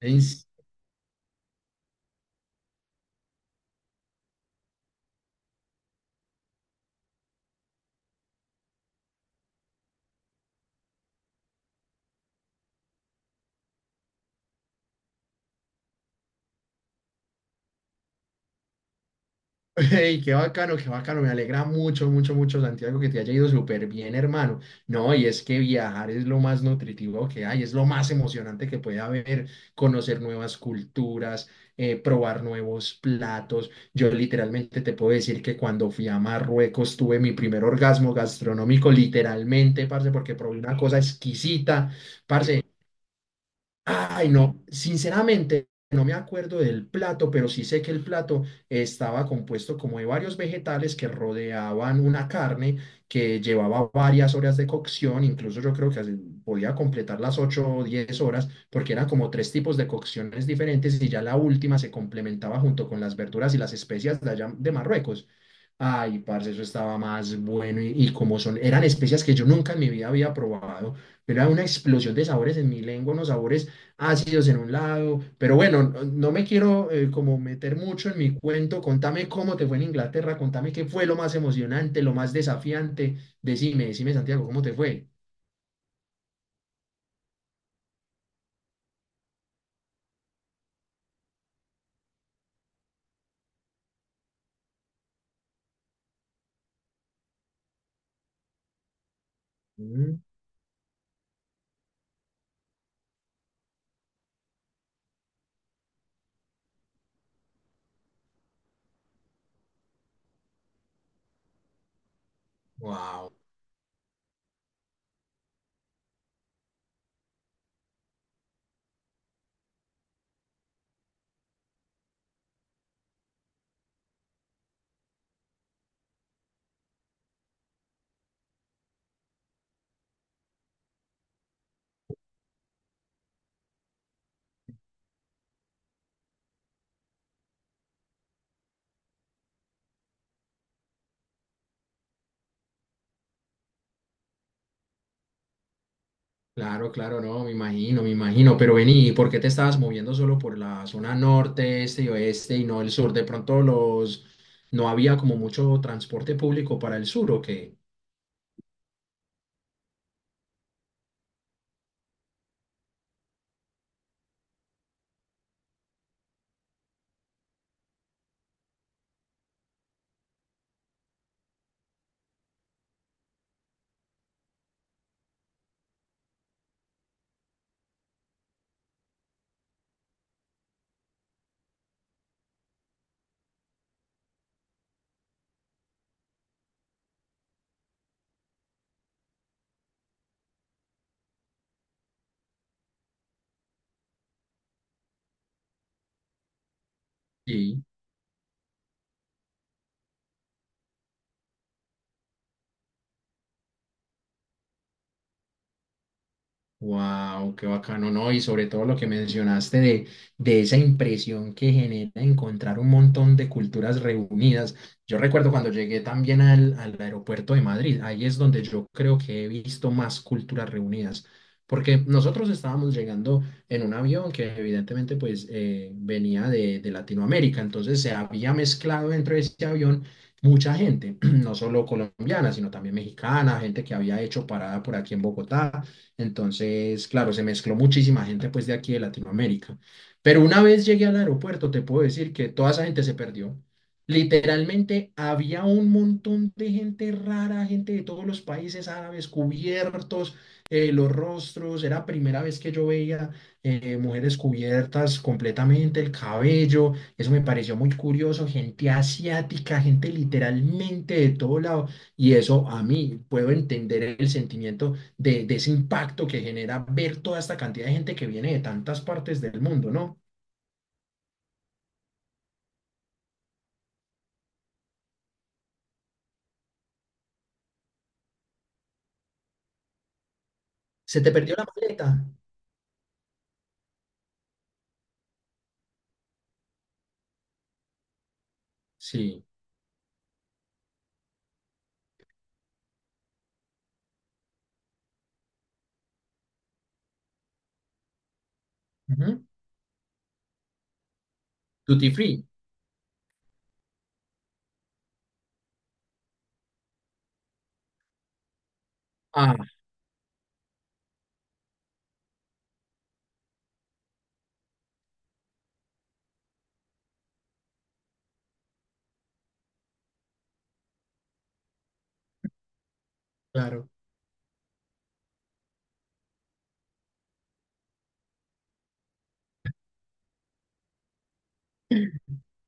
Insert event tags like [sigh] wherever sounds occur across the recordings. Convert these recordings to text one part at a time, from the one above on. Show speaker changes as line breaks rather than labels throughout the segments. Ey, [laughs] ey, qué bacano, qué bacano. Me alegra mucho, mucho, mucho, Santiago, que te haya ido súper bien, hermano. No, y es que viajar es lo más nutritivo que hay, es lo más emocionante que puede haber, conocer nuevas culturas, probar nuevos platos. Yo literalmente te puedo decir que cuando fui a Marruecos tuve mi primer orgasmo gastronómico, literalmente, parce, porque probé una cosa exquisita, parce. Ay, no, sinceramente no me acuerdo del plato, pero sí sé que el plato estaba compuesto como de varios vegetales que rodeaban una carne que llevaba varias horas de cocción, incluso yo creo que así podía completar las 8 o 10 horas, porque eran como tres tipos de cocciones diferentes y ya la última se complementaba junto con las verduras y las especias de allá de Marruecos. Ay, parce, eso estaba más bueno y como son, eran especias que yo nunca en mi vida había probado, era una explosión de sabores en mi lengua, unos sabores ácidos en un lado, pero bueno, no, no me quiero como meter mucho en mi cuento. Contame cómo te fue en Inglaterra, contame qué fue lo más emocionante, lo más desafiante, decime, decime, Santiago, ¿cómo te fue? Wow, claro, claro, no, me imagino, pero vení, ¿y por qué te estabas moviendo solo por la zona norte, este y oeste y no el sur? De pronto los, no había como mucho transporte público para el sur, ¿o qué? Sí. Wow, qué bacano, ¿no? Y sobre todo lo que mencionaste de esa impresión que genera encontrar un montón de culturas reunidas. Yo recuerdo cuando llegué también al aeropuerto de Madrid, ahí es donde yo creo que he visto más culturas reunidas, porque nosotros estábamos llegando en un avión que evidentemente pues venía de Latinoamérica. Entonces se había mezclado dentro de ese avión mucha gente, [clears throat] no solo colombiana, sino también mexicana, gente que había hecho parada por aquí en Bogotá. Entonces, claro, se mezcló muchísima gente pues de aquí de Latinoamérica. Pero una vez llegué al aeropuerto, te puedo decir que toda esa gente se perdió. Literalmente había un montón de gente rara, gente de todos los países árabes cubiertos, los rostros. Era primera vez que yo veía mujeres cubiertas completamente, el cabello. Eso me pareció muy curioso, gente asiática, gente literalmente de todo lado, y eso a mí puedo entender el sentimiento de ese impacto que genera ver toda esta cantidad de gente que viene de tantas partes del mundo, ¿no? ¿Se te perdió la maleta? Sí. Ujú. Duty free. Ah, claro.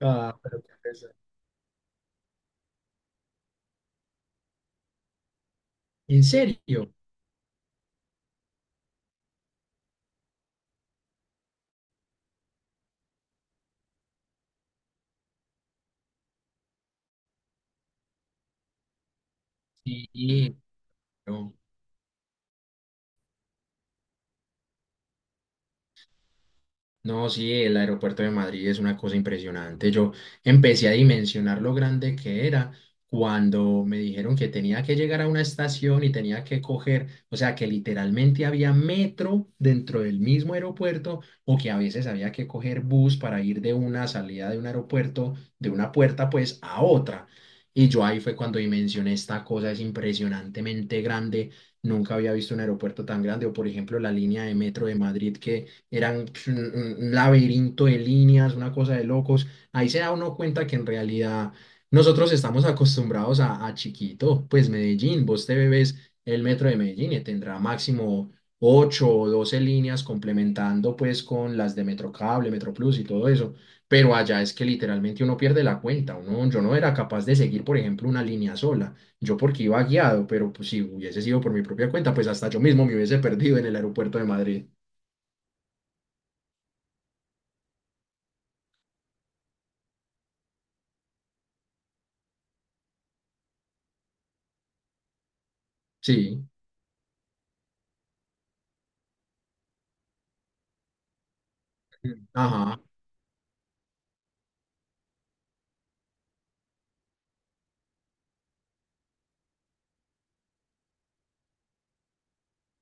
Ah, pero qué pesar. ¿En serio? Sí, no. No, sí, el aeropuerto de Madrid es una cosa impresionante. Yo empecé a dimensionar lo grande que era cuando me dijeron que tenía que llegar a una estación y tenía que coger, o sea, que literalmente había metro dentro del mismo aeropuerto, o que a veces había que coger bus para ir de una salida de un aeropuerto, de una puerta pues a otra. Y yo ahí fue cuando dimensioné esta cosa: es impresionantemente grande. Nunca había visto un aeropuerto tan grande, o por ejemplo la línea de metro de Madrid, que eran pues un laberinto de líneas, una cosa de locos. Ahí se da uno cuenta que en realidad nosotros estamos acostumbrados a chiquito. Pues Medellín, vos te bebes el metro de Medellín y tendrá máximo 8 o 12 líneas, complementando pues con las de Metrocable, Metroplus y todo eso. Pero allá es que literalmente uno pierde la cuenta. Uno, yo no era capaz de seguir, por ejemplo, una línea sola. Yo porque iba guiado, pero pues, si hubiese sido por mi propia cuenta, pues hasta yo mismo me hubiese perdido en el aeropuerto de Madrid. Sí. Ajá,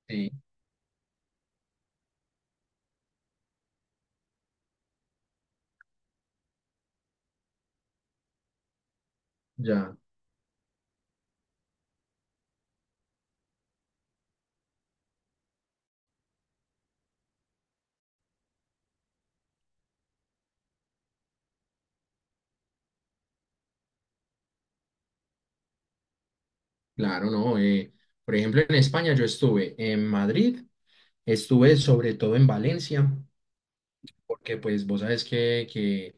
sí, ya, claro, ¿no? Por ejemplo, en España yo estuve en Madrid, estuve sobre todo en Valencia, porque pues vos sabes que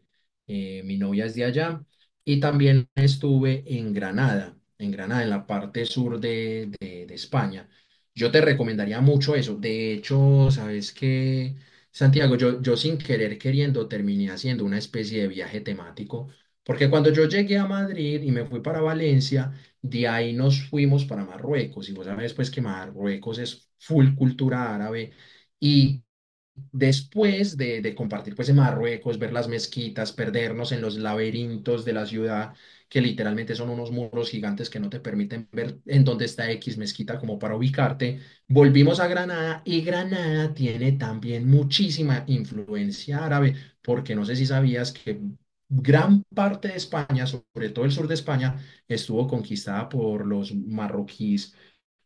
mi novia es de allá, y también estuve en Granada, en Granada, en la parte sur de España. Yo te recomendaría mucho eso. De hecho, sabes que, Santiago, yo sin querer queriendo terminé haciendo una especie de viaje temático, porque cuando yo llegué a Madrid y me fui para Valencia, de ahí nos fuimos para Marruecos, y vos sabes pues que Marruecos es full cultura árabe. Y después de compartir pues en Marruecos, ver las mezquitas, perdernos en los laberintos de la ciudad, que literalmente son unos muros gigantes que no te permiten ver en dónde está X mezquita como para ubicarte, volvimos a Granada, y Granada tiene también muchísima influencia árabe, porque no sé si sabías que gran parte de España, sobre todo el sur de España, estuvo conquistada por los marroquíes.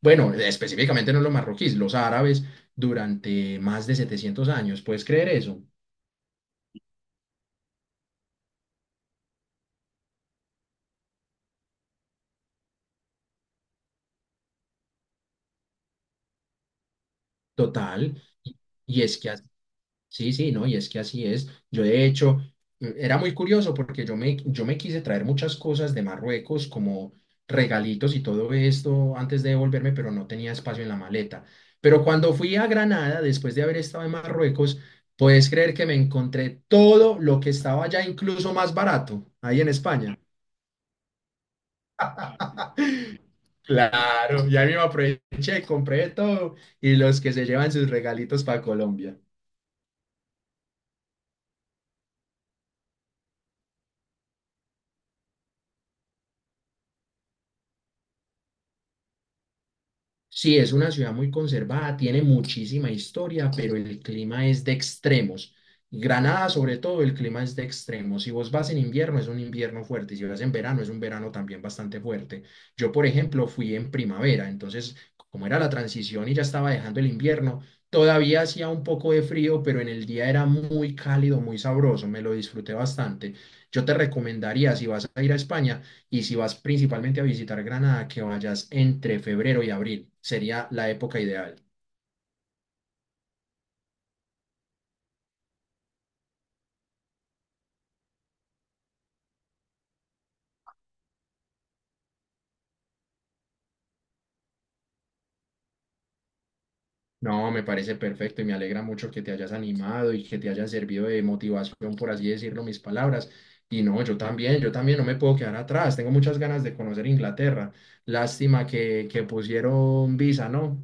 Bueno, específicamente no los marroquíes, los árabes, durante más de 700 años. ¿Puedes creer eso? Total. Y es que así, sí, sí, no, y es que así es. Yo de hecho era muy curioso, porque yo me quise traer muchas cosas de Marruecos como regalitos y todo esto antes de devolverme, pero no tenía espacio en la maleta. Pero cuando fui a Granada, después de haber estado en Marruecos, puedes creer que me encontré todo lo que estaba ya incluso más barato ahí en España. Claro, ya mismo aproveché, compré todo, y los que se llevan sus regalitos para Colombia. Sí, es una ciudad muy conservada, tiene muchísima historia, pero el clima es de extremos. Granada, sobre todo, el clima es de extremos. Si vos vas en invierno, es un invierno fuerte. Y si vas en verano, es un verano también bastante fuerte. Yo, por ejemplo, fui en primavera, entonces, como era la transición y ya estaba dejando el invierno, todavía hacía un poco de frío, pero en el día era muy cálido, muy sabroso. Me lo disfruté bastante. Yo te recomendaría, si vas a ir a España, y si vas principalmente a visitar Granada, que vayas entre febrero y abril, sería la época ideal. No, me parece perfecto, y me alegra mucho que te hayas animado y que te hayan servido de motivación, por así decirlo, mis palabras. Y no, yo también no me puedo quedar atrás. Tengo muchas ganas de conocer Inglaterra. Lástima que pusieron visa, ¿no?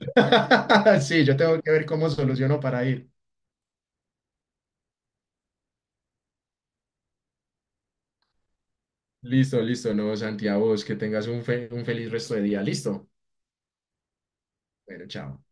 [laughs] Sí, yo tengo que ver cómo soluciono para ir. Listo, listo, no, Santiago, vos que tengas un, un feliz resto de día. Listo. Bueno, chao.